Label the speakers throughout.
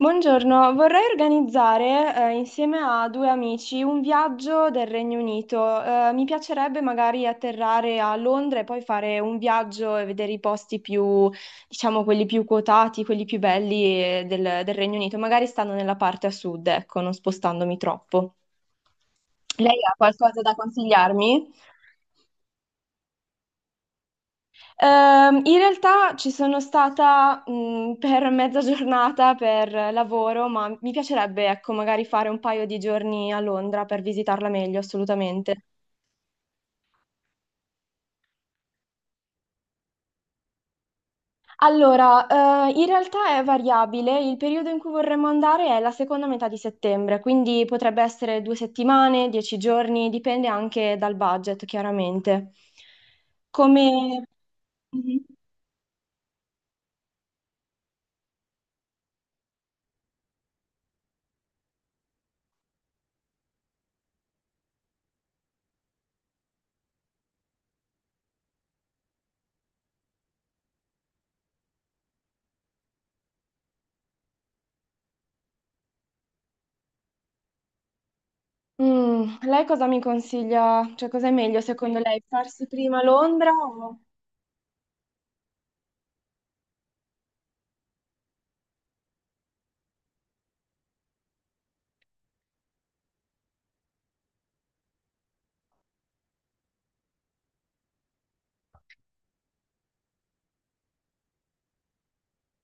Speaker 1: Buongiorno, vorrei organizzare, insieme a due amici un viaggio del Regno Unito. Mi piacerebbe magari atterrare a Londra e poi fare un viaggio e vedere i posti più, diciamo, quelli più quotati, quelli più belli, del Regno Unito, magari stando nella parte a sud, ecco, non spostandomi troppo. Lei ha qualcosa da consigliarmi? In realtà ci sono stata, per mezza giornata per lavoro, ma mi piacerebbe, ecco, magari fare un paio di giorni a Londra per visitarla meglio, assolutamente. Allora, in realtà è variabile, il periodo in cui vorremmo andare è la seconda metà di settembre, quindi potrebbe essere 2 settimane, 10 giorni, dipende anche dal budget, chiaramente. Come. Mhm. Lei cosa mi consiglia? Cioè, cosa è meglio secondo lei? Farsi prima Londra o.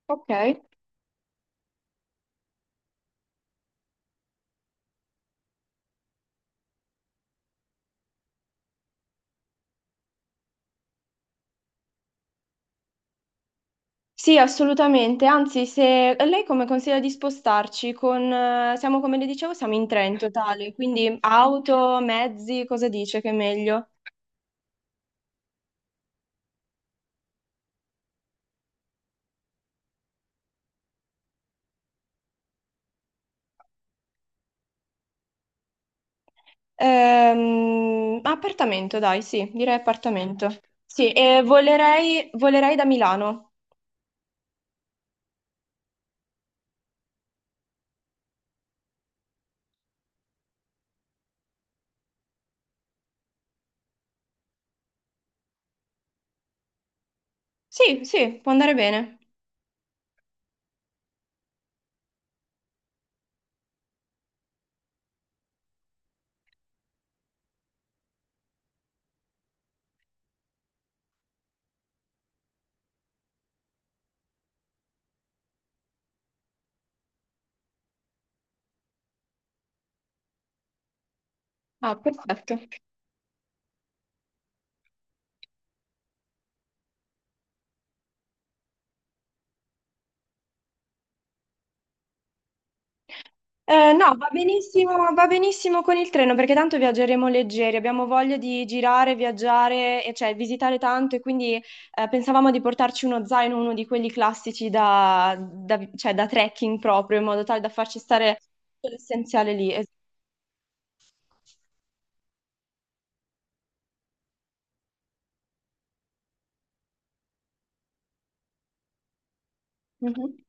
Speaker 1: Ok. Sì, assolutamente. Anzi, se lei come consiglia di spostarci con. Siamo, come le dicevo, siamo in tre in totale, quindi auto, mezzi, cosa dice che è meglio? Appartamento, dai, sì, direi appartamento. Sì, e volerei da Milano. Sì, sì, può andare bene. Ah, perfetto. No, va benissimo con il treno perché tanto viaggeremo leggeri, abbiamo voglia di girare, viaggiare, e cioè visitare tanto e quindi pensavamo di portarci uno zaino, uno di quelli classici cioè, da trekking proprio, in modo tale da farci stare tutto l'essenziale lì. Es- Mhm.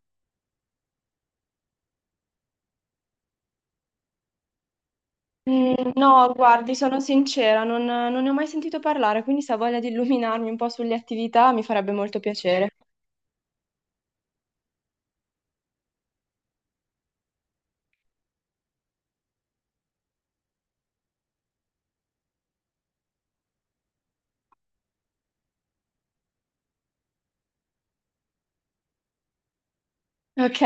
Speaker 1: Mm, no, guardi, sono sincera, non ne ho mai sentito parlare, quindi se ha voglia di illuminarmi un po' sulle attività mi farebbe molto piacere. Ok?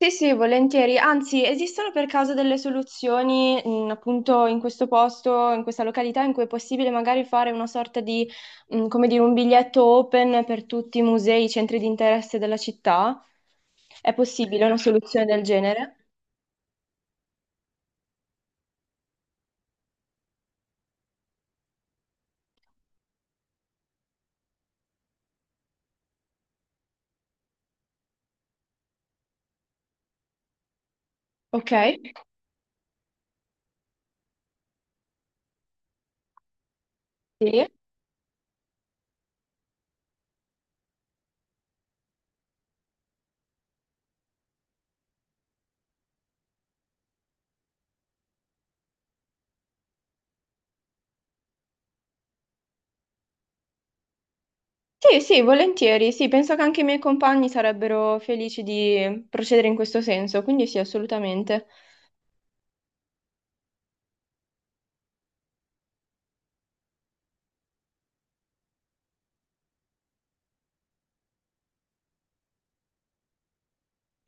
Speaker 1: Sì, sì, volentieri. Anzi, esistono per caso delle soluzioni, appunto, in questo posto, in questa località, in cui è possibile magari fare una sorta di, come dire, un biglietto open per tutti i musei, i centri di interesse della città? È possibile una soluzione del genere? Ok. Sì. Sì, sì, volentieri. Sì, penso che anche i miei compagni sarebbero felici di procedere in questo senso, quindi sì, assolutamente.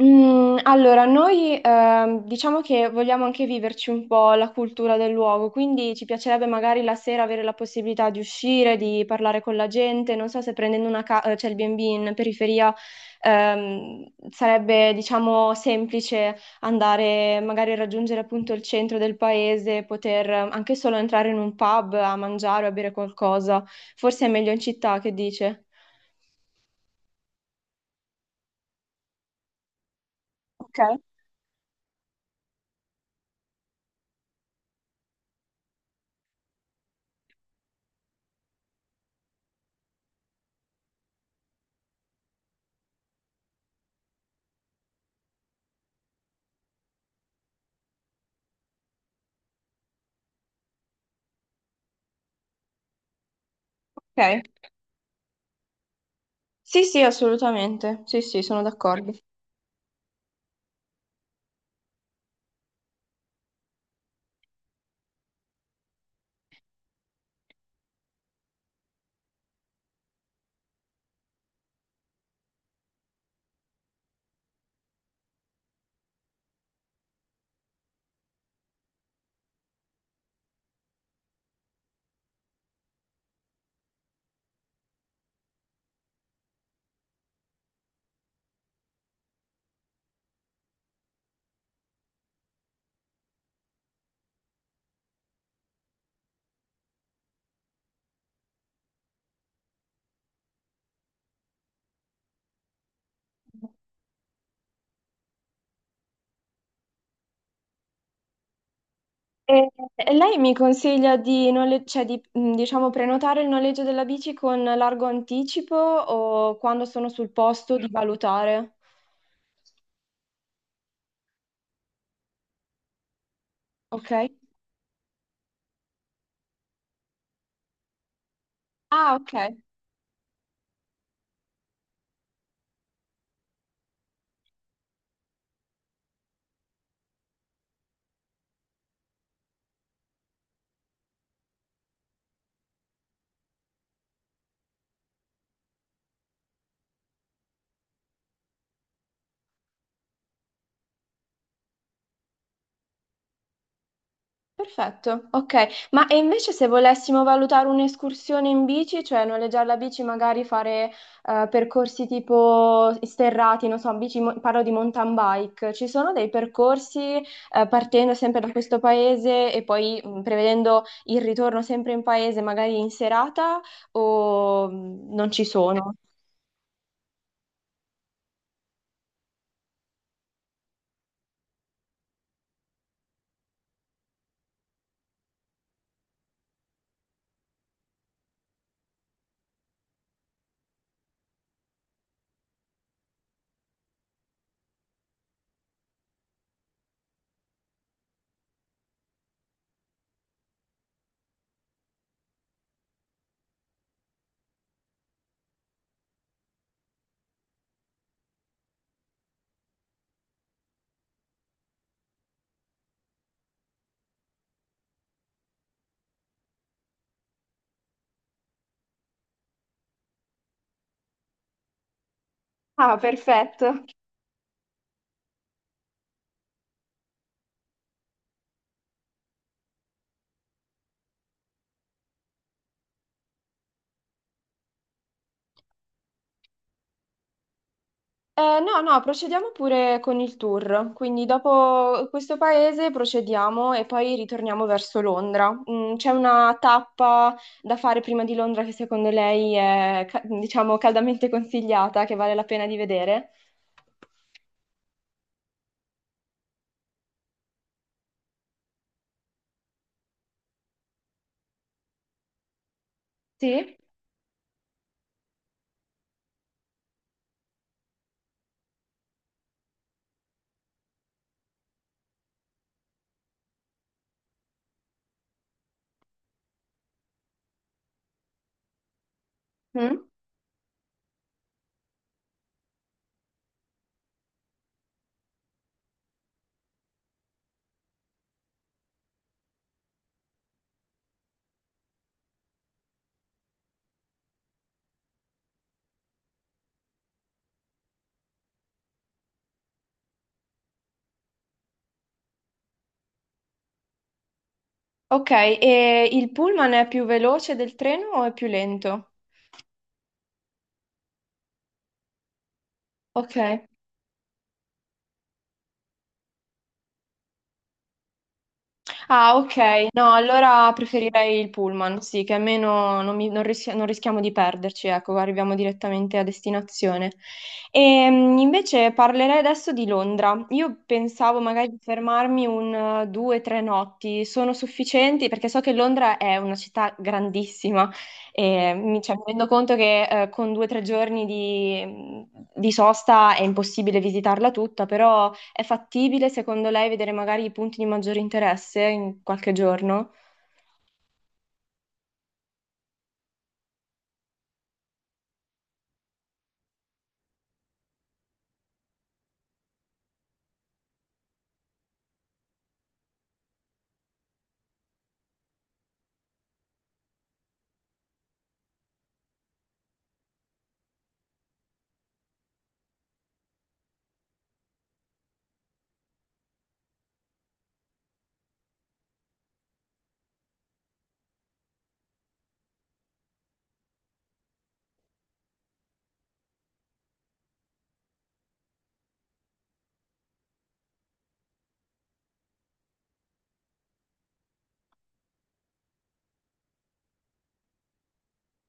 Speaker 1: Allora, noi diciamo che vogliamo anche viverci un po' la cultura del luogo, quindi ci piacerebbe magari la sera avere la possibilità di uscire, di parlare con la gente. Non so se prendendo una cioè il B&B in periferia sarebbe, diciamo, semplice andare magari a raggiungere appunto il centro del paese, poter anche solo entrare in un pub a mangiare o a bere qualcosa. Forse è meglio in città, che dice? Ok, ok. Sì, sì, assolutamente. Sì, sì, sono d'accordo. E e lei mi consiglia di, cioè di, diciamo, prenotare il noleggio della bici con largo anticipo o quando sono sul posto di valutare? Ok? Ah, ok. Perfetto, ok. Ma e invece se volessimo valutare un'escursione in bici, cioè noleggiare la bici, magari fare percorsi tipo sterrati, non so, bici, parlo di mountain bike, ci sono dei percorsi partendo sempre da questo paese e poi prevedendo il ritorno sempre in paese, magari in serata, o non ci sono? Ah, perfetto. No, no, procediamo pure con il tour. Quindi dopo questo paese procediamo e poi ritorniamo verso Londra. C'è una tappa da fare prima di Londra che secondo lei è, diciamo, caldamente consigliata, che vale la pena di vedere? Sì? Mm? Ok, e il pullman è più veloce del treno o è più lento? Ok. Ah, ok. No, allora preferirei il pullman, sì, che almeno non rischiamo di perderci, ecco, arriviamo direttamente a destinazione. E, invece parlerei adesso di Londra. Io pensavo magari di fermarmi un 2, 3 notti. Sono sufficienti? Perché so che Londra è una città grandissima e cioè, mi rendo conto che con 2 o 3 giorni di sosta è impossibile visitarla tutta, però. È fattibile, secondo lei, vedere magari i punti di maggiore interesse in qualche giorno?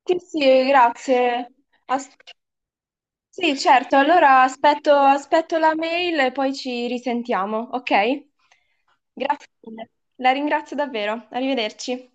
Speaker 1: Sì, sì, grazie. As- sì, certo, allora aspetto la mail e poi ci risentiamo, ok? Grazie mille. La ringrazio davvero. Arrivederci.